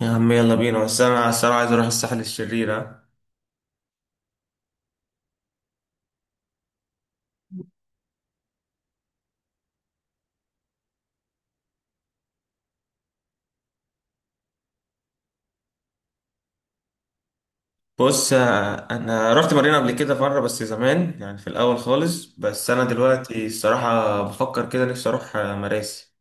يا عم يلا بينا، بس انا الصراحه عايز اروح الساحل الشرير، ها. بص، انا رحت مارينا قبل كده مره، بس زمان يعني، في الاول خالص. بس انا دلوقتي الصراحه بفكر كده، نفسي اروح مراسي.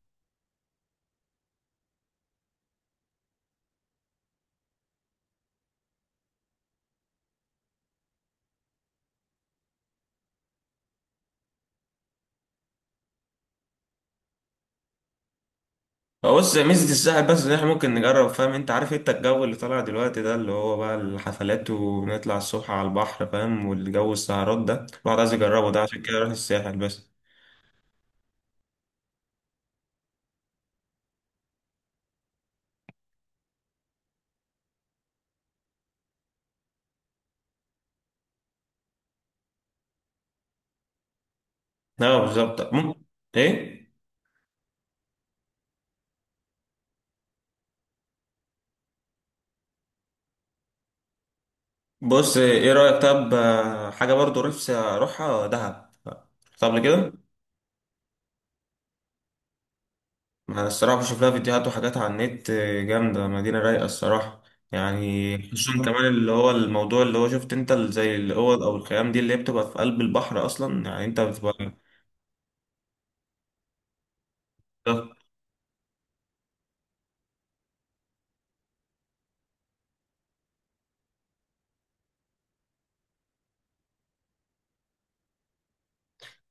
بص، ميزه الساحل بس ان احنا ممكن نجرب، فاهم؟ انت عارف انت الجو اللي طالع دلوقتي ده، اللي هو بقى الحفلات، ونطلع الصبح على البحر، فاهم؟ والجو السهرات ده الواحد عايز يجربه، ده عشان كده اروح الساحل بس. لا بالظبط ممكن. ايه. بص ايه رأيك؟ طب حاجة برضو نفسي اروحها دهب. طب قبل كده، انا الصراحة بشوف لها فيديوهات وحاجات على النت، جامدة، مدينة رايقة الصراحة. يعني خصوصا كمان اللي هو الموضوع، اللي هو شفت انت زي الاوض او الخيام دي اللي هي بتبقى في قلب البحر اصلا، يعني انت بتبقى.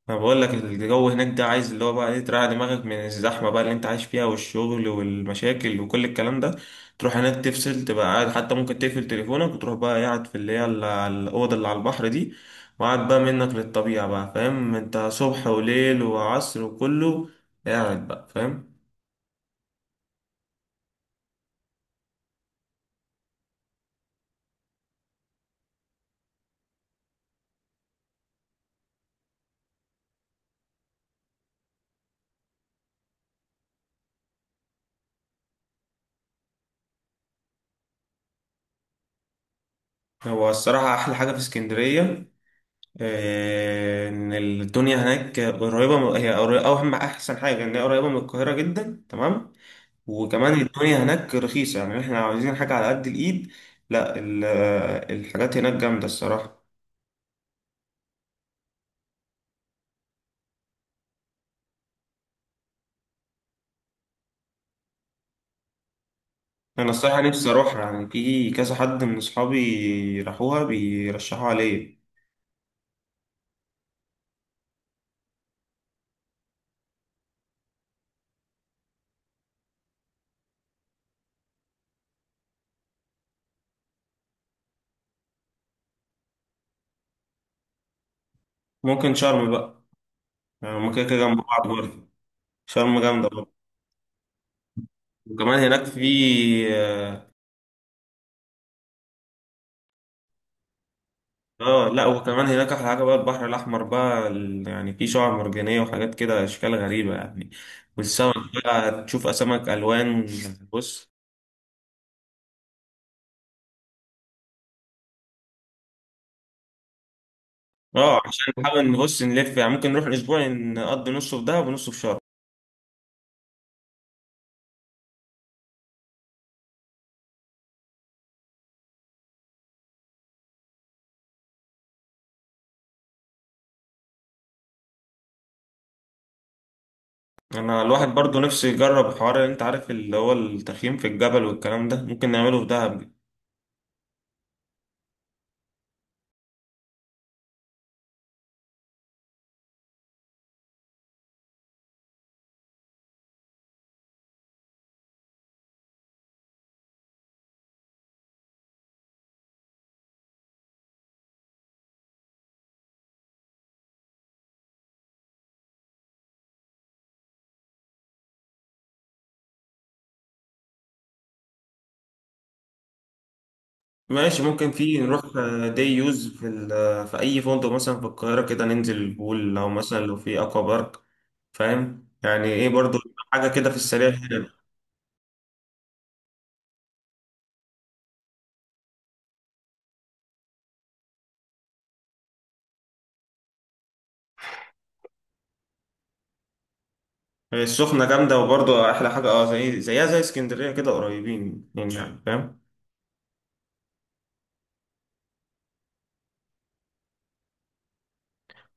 انا بقول لك الجو هناك ده عايز اللي هو بقى ايه، تريح دماغك من الزحمه بقى اللي انت عايش فيها، والشغل والمشاكل وكل الكلام ده. تروح هناك تفصل، تبقى قاعد، حتى ممكن تقفل تليفونك وتروح بقى قاعد في اللي هي الاوضه اللي على البحر دي، وقاعد بقى منك للطبيعه بقى، فاهم انت، صبح وليل وعصر وكله، قاعد بقى، فاهم. هو الصراحه احلى حاجه في اسكندريه ان الدنيا هناك قريبه من- هي قريبة- او اهم احسن حاجه ان هي قريبه من القاهره جدا، تمام. وكمان الدنيا هناك رخيصة، يعني احنا عاوزين حاجة على قد الإيد. لا، الحاجات هناك جامدة الصراحة. أنا الصراحة نفسي أروحها، يعني في كذا حد من أصحابي راحوها بيرشحوا عليا. ممكن شرم بقى، يعني هما كده كده جنب بعض برضه. شرم جامدة برضه. وكمان هناك في، اه، لا، وكمان هناك أحلى حاجة بقى، البحر الأحمر بقى، يعني في شعاب مرجانية وحاجات كده، أشكال غريبة يعني، والسمك بقى تشوف أسماك ألوان. بص، اه، عشان نحاول نبص نلف يعني، ممكن نروح الاسبوع، نقضي نصه في دهب ونصه في شرم. انا الواحد برضو نفسه يجرب الحوار اللي انت عارف اللي هو التخييم في الجبل والكلام ده، ممكن نعمله في دهب. ماشي ممكن في، نروح دي يوز في في اي فندق مثلا في القاهره كده، ننزل البول، او مثلا لو في اكوا بارك، فاهم يعني ايه برضو، حاجه كده في السريع هنا. السخنه جامده، وبرضو احلى حاجه اه، زي زيها زي اسكندريه كده، قريبين يعني، فاهم.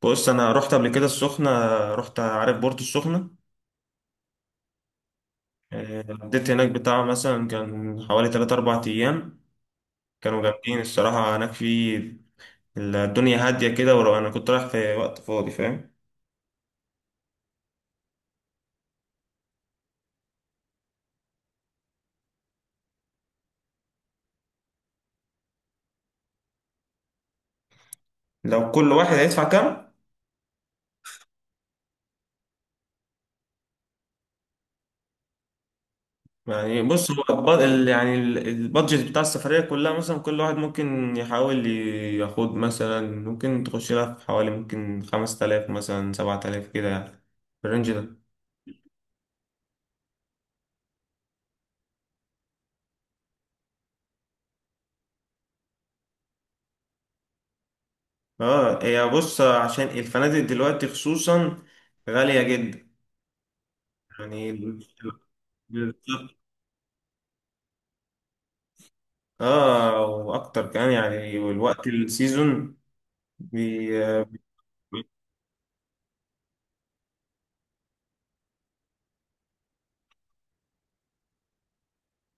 بص، انا رحت قبل كده السخنه، رحت عارف بورتو السخنه، قضيت هناك بتاع مثلا كان حوالي تلات أربع أيام، كانوا جامدين الصراحة، هناك في الدنيا هادية كده، ولو أنا كنت رايح في وقت فاضي، فاهم. لو كل واحد هيدفع كام، يعني بص هو البادجت بتاع السفرية كلها، مثلا كل واحد ممكن يحاول ياخد مثلا، ممكن تخش لها في حوالي، ممكن خمس تلاف مثلا، سبعة تلاف كده يعني، في الرينج ده. اه، هي بص، عشان الفنادق دلوقتي خصوصا غالية جدا يعني. اه، واكتر كمان يعني، والوقت السيزون. بي...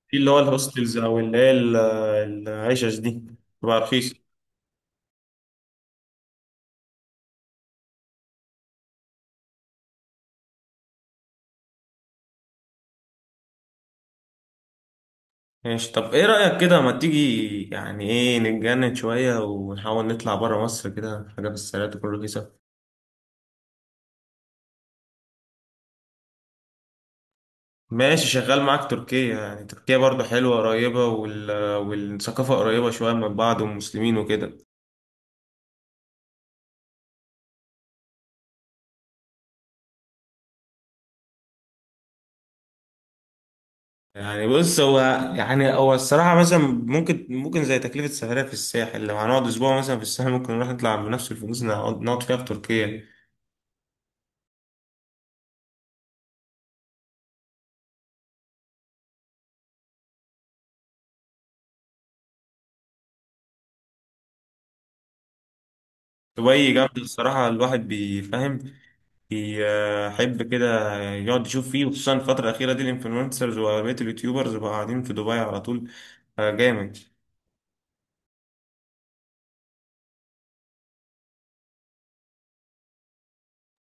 في اللي هو الهوستلز، او اللي هي العشش دي، بتبقى رخيصة. ماشي. طب ايه رأيك كده، ما تيجي يعني ايه، نتجنن شوية ونحاول نطلع برا مصر كده، حاجة في السريع تكون رخيصة. ماشي شغال معاك تركيا، يعني تركيا برضو حلوة، قريبة، والثقافة قريبة شوية من بعض، والمسلمين وكده. يعني بص هو الصراحة مثلا، ممكن زي تكلفة سفرية في الساحل، لو هنقعد أسبوع مثلا في الساحل، ممكن نروح نطلع بنفس الفلوس اللي هنقعد نقعد فيها في تركيا. دبي جامدة الصراحة، الواحد بيفهم بيحب كده يقعد يشوف فيه، وخصوصا الفترة الأخيرة دي الإنفلونسرز وبقية اليوتيوبرز بقوا قاعدين في دبي على طول، جامد.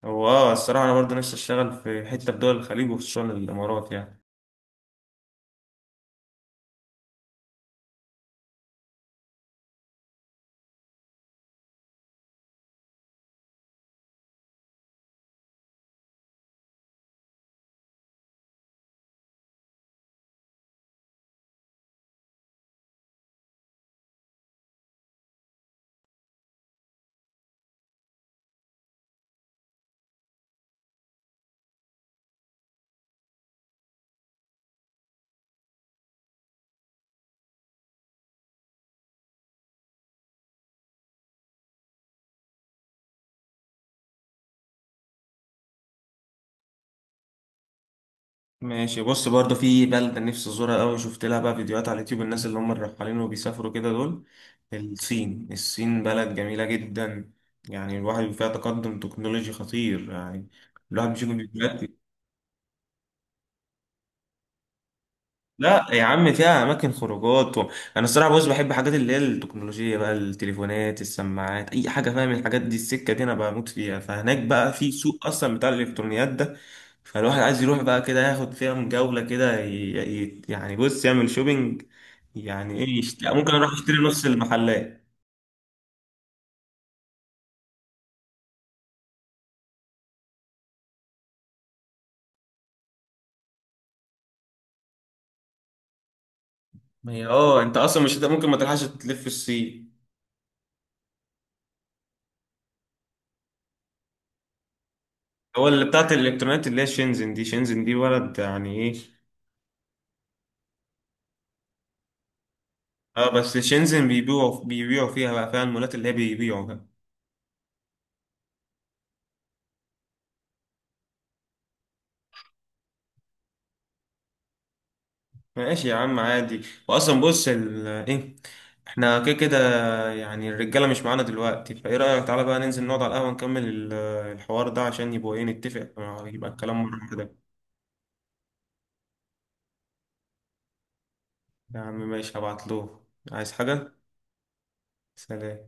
هو اه، الصراحة أنا برضه نفسي أشتغل في حتة في دول الخليج، وخصوصا الإمارات يعني. ماشي. بص، برضه في بلدة نفسي أزورها أوي، شفت لها بقى فيديوهات على اليوتيوب الناس اللي هم الرحالين وبيسافروا كده دول، الصين. الصين بلد جميلة جدا، يعني الواحد فيها تقدم تكنولوجي خطير يعني، الواحد بيشوف الفيديوهات. لا يا عم، فيها اماكن خروجات انا الصراحه، بص، بحب حاجات اللي هي التكنولوجيا بقى، التليفونات، السماعات، اي حاجه، فاهم، الحاجات دي، السكه دي انا بموت فيها، فهناك بقى في سوق اصلا بتاع الالكترونيات ده. فالواحد عايز يروح بقى كده ياخد فيها من جوله كده، يعني بص يعمل شوبينج، يعني ايه، ممكن اروح اشتري نص المحلات. ما هي اه، انت اصلا مش هت- ممكن ما تلحقش تلف الصين. هو اللي بتاعت الالكترونيات اللي هي شينزن دي، شينزن دي بلد يعني، إيه. اه بس شينزن بيبيعوا فيها بقى، فيها المولات اللي هي بيبيعوا بقى. ماشي يا عم عادي. واصلا بص ايه، احنا كده كده يعني، الرجاله مش معانا دلوقتي، فايه رايك تعالى بقى ننزل نقعد على القهوه، نكمل الحوار ده، عشان يبقى ايه، نتفق، يبقى الكلام مره كده. يا عم ماشي، هبعت له. عايز حاجه؟ سلام.